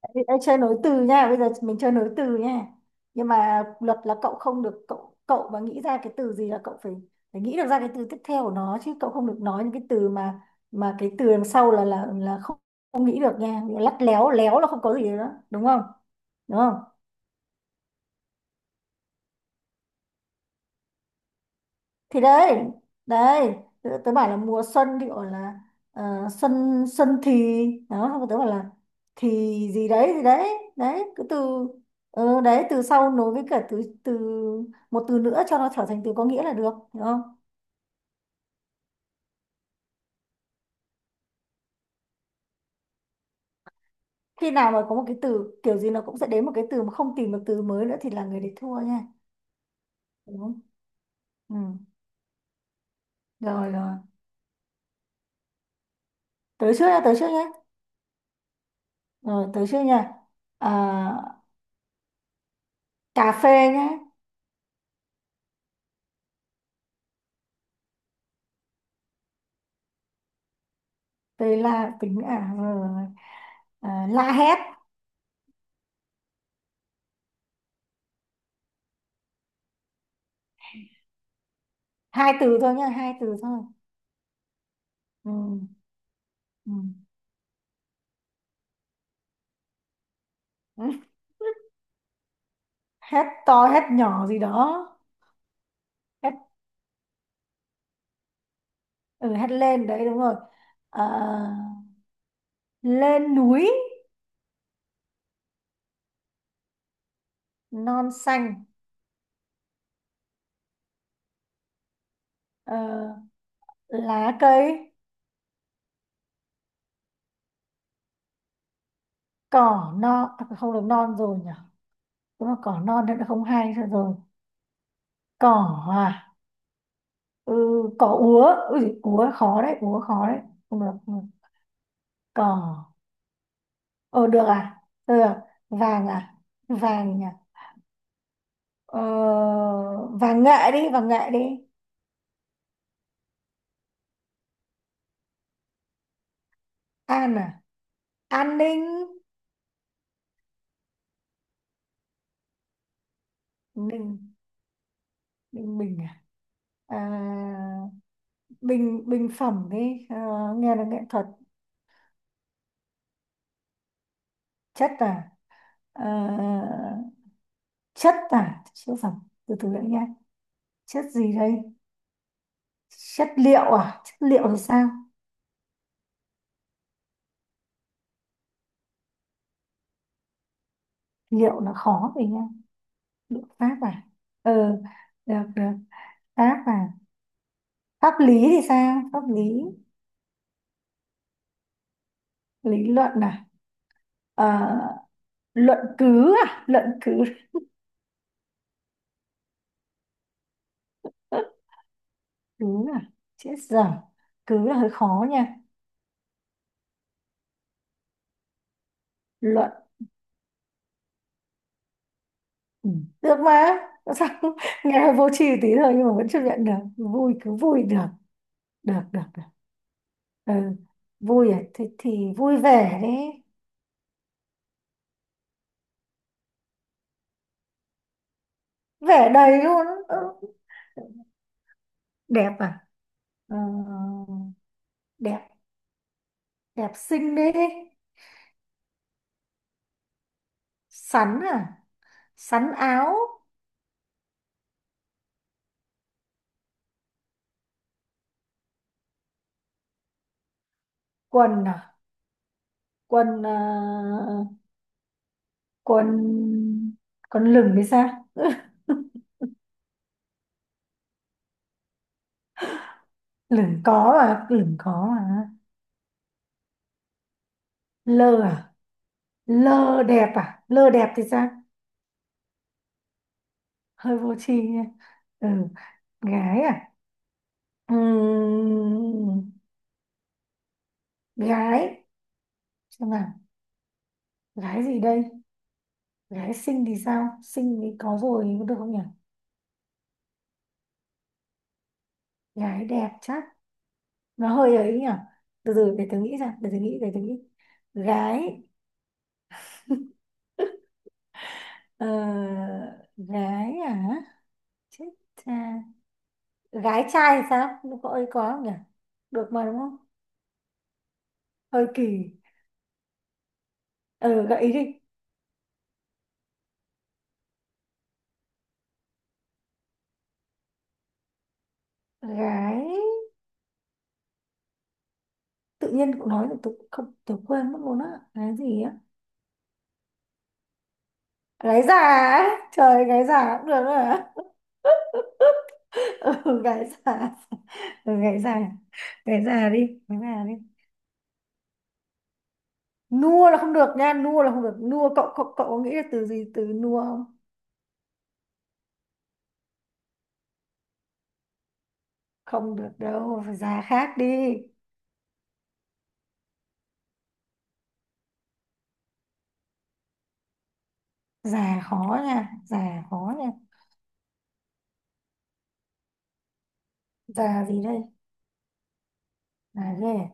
Ê, ê, chơi nối từ nha. Bây giờ mình chơi nối từ nha, nhưng mà luật là cậu không được, cậu cậu mà nghĩ ra cái từ gì là cậu phải phải nghĩ được ra cái từ tiếp theo của nó, chứ cậu không được nói những cái từ mà cái từ đằng sau là không, không nghĩ được nha. Lắt léo léo là không có gì đó, đúng không? Đúng không? Thì đấy. Đấy, tớ bảo là mùa xuân thì gọi là ờ, xuân. Xuân thì đó, xong rồi tớ bảo là thì, gì đấy, gì đấy. Đấy, cứ từ, ờ, đấy từ sau nối với cả từ từ một từ nữa cho nó trở thành từ có nghĩa là được, hiểu không? Khi nào mà có một cái từ kiểu gì nó cũng sẽ đến một cái từ mà không tìm được từ mới nữa thì là người đấy thua nha. Đúng không? Ừ. Rồi, rồi. Tới trước nha, tới trước nhé. Rồi, tới trước nha. À, cà phê nhé. Tê là tính à? Rồi, rồi. À, la hét. Hai từ thôi nhá, hai từ thôi. Ừ. Ừ. Hét to hét nhỏ gì đó. Hét. Ừ, hét lên, đấy đúng rồi. Ờ, lên núi. Non xanh. Ờ, lá cây. Cỏ non à, không được, non rồi nhỉ. Đúng là cỏ non thì không hay nữa rồi. Cỏ à. Ừ, cỏ úa. Ui, úa khó đấy, úa khó đấy. Không được, không được. Cỏ. Ờ, được à. Được. Vàng à. Vàng nhỉ. Ờ, và nghệ đi, và nghệ đi. An à. An ninh. Ninh ninh bình à, à bình. Bình phẩm đi. Ờ, nghe là nghệ thuật. Chất à. Ờ, chất à chứ phẩm. Từ từ lại nha, chất gì đây. Chất liệu à, chất liệu thì sao. Liệu là khó rồi nha. Liệu pháp à. Ừ, được, được. Pháp à. Pháp lý thì sao, pháp lý. Lý luận à. Ờ, luận cứ à, luận cứ. Cứ à, chết dở. Cứ là hơi khó nha. Luận. Ừ. Được mà. Tại sao? Nghe hơi vô tri tí thôi nhưng mà vẫn chấp nhận được. Vui cứ vui được. Được, được, được. Ừ. Vui à, thì vui vẻ đấy. Vẻ đầy luôn. Ừ. Đẹp à. Ờ, đẹp. Đẹp xinh đấy. Sắn à. Sắn áo. Quần à. Quần à, quần quần lửng thì sao. Lửng có à, lửng có à. Lơ à. Lơ đẹp à, lơ đẹp thì sao. Hơi vô tri nha. Ừ. Gái à. Ừm, gái. Xem nào, gái gì đây. Gái xinh thì sao, xinh thì có rồi, có được không nhỉ. Gái đẹp chắc. Nó hơi ấy nhỉ. Từ từ để tôi nghĩ ra, để tôi nghĩ, để tôi nghĩ. Gái. Ờ, gái à. Chết cha. Gái trai thì sao. Nó có ấy, có không nhỉ. Được mà đúng không. Hơi kỳ. Ờ, gợi ý đi. Gái, tự nhiên cậu nói thì tôi không tôi quên mất luôn á. Gái gì á. Gái già á. Trời, gái già cũng được à. Ừ, gái già. Ừ, gái già. Gái già đi, gái già đi. Nua là không được nha, nua là không được. Nua, cậu cậu cậu có nghĩ là từ gì, từ nua không? Không được đâu, phải già khác đi. Già khó nha, già khó nha. Già gì đây. Già ghê à?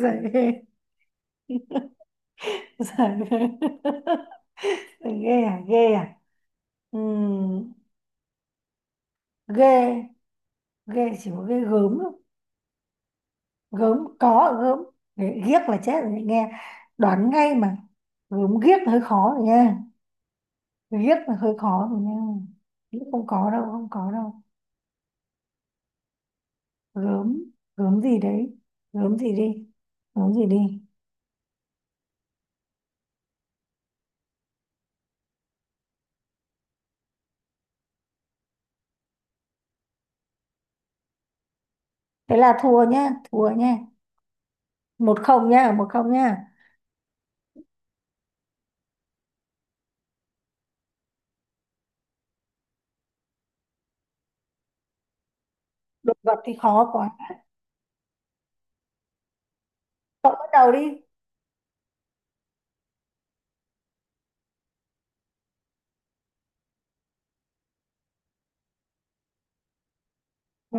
Già ghê. Già ghê. Ghê à, ghê à. Ừ. ghê ghê chỉ có ghê gớm thôi. Gớm có ở gớm. Ghiếc là chết rồi nghe. Đoán ngay mà. Gớm ghiếc hơi khó rồi nha, ghiếc là hơi khó rồi nha. Ghiếc không có đâu, không có đâu. Gớm. Gớm gì đấy. Gớm gì đi, gớm gì đi. Thế là thua nhá, thua nhá. 1-0 nhá, 1-0 nhá. Đồ vật thì khó quá. Cậu bắt đầu đi. Ừ,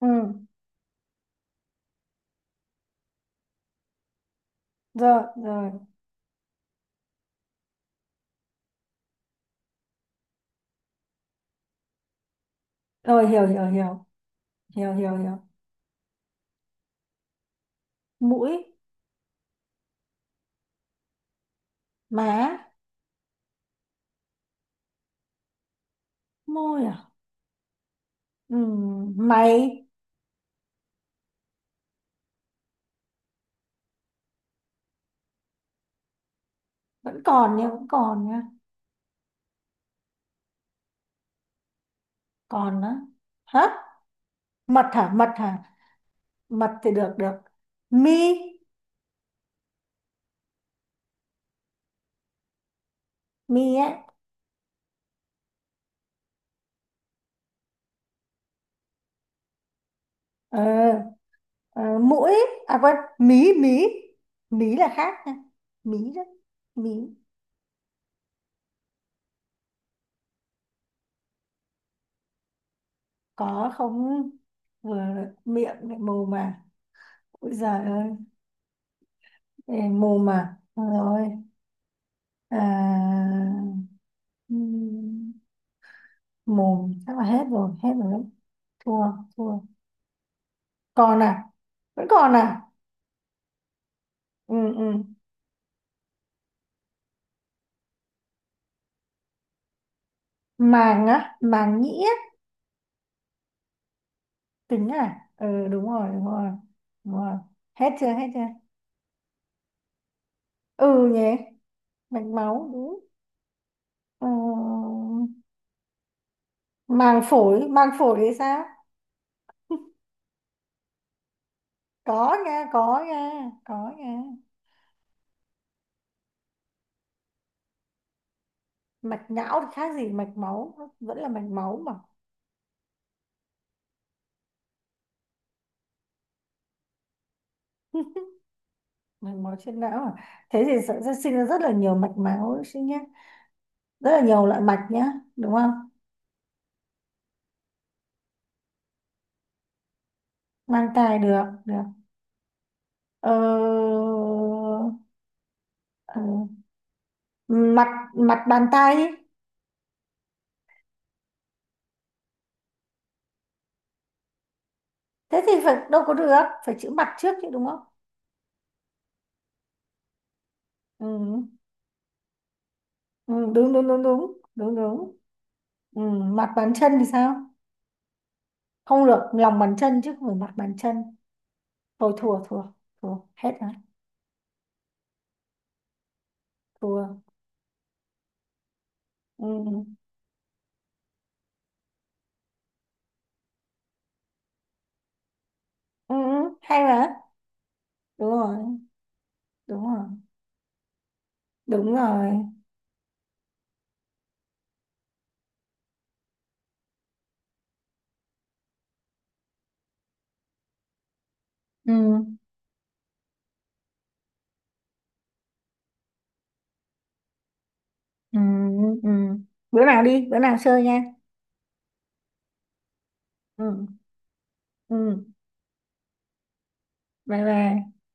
ừ. Rồi, rồi, rồi. Hiểu hiểu hiểu, hiểu hiểu hiểu. Mũi. Má. Môi à. Ừ, mày. Vẫn còn nha, vẫn còn nha. Còn nữa. Hả. Mật hả, mật hả. Mật thì được, được. Mi. Mi á. Ờ, ờ, mũi, à quên. Mí mí. Mí là khác nha, mí đó. Mí có không vừa. Miệng lại mồm mà. Ôi giời ơi. Ê, mồm mà. Được rồi. À, ừm, mồm chắc là hết rồi, hết rồi đấy. Thua. Thua. Còn à. Vẫn còn à. Ừ, ừ. Màng á, màng nhĩ á. Tính à. Ừ, đúng rồi, đúng rồi. Đúng rồi. Hết chưa, hết chưa. Ừ nhỉ. Mạch máu đúng. Ừ. Màng phổi, màng phổi thì sao. Có nha, có nha, có nha. Mạch não thì khác gì mạch máu, nó vẫn là mạch máu mà. Mạch máu trên não à, thế thì sẽ sinh ra rất là nhiều mạch máu sinh nhá, rất là nhiều loại mạch nhá, đúng không. Mang thai. Được, được. Ờ, ờ, mặt. Mặt bàn tay ấy. Thế thì phải đâu có được, phải chữ mặt trước chứ đúng không. Ừ. Ừ, đúng đúng đúng đúng đúng đúng. Ừ. Mặt bàn chân thì sao. Không được, lòng bàn chân chứ không phải mặt bàn chân. Thôi thua, thua. Thua hết rồi. Thua. Ừ. Ừ. Ừ, hay mà. Đúng rồi, đúng rồi, đúng rồi. Ừ. Ừ. Ừ. Bữa nào đi, bữa nào chơi nha. Ừ. Ừ. Bye bye.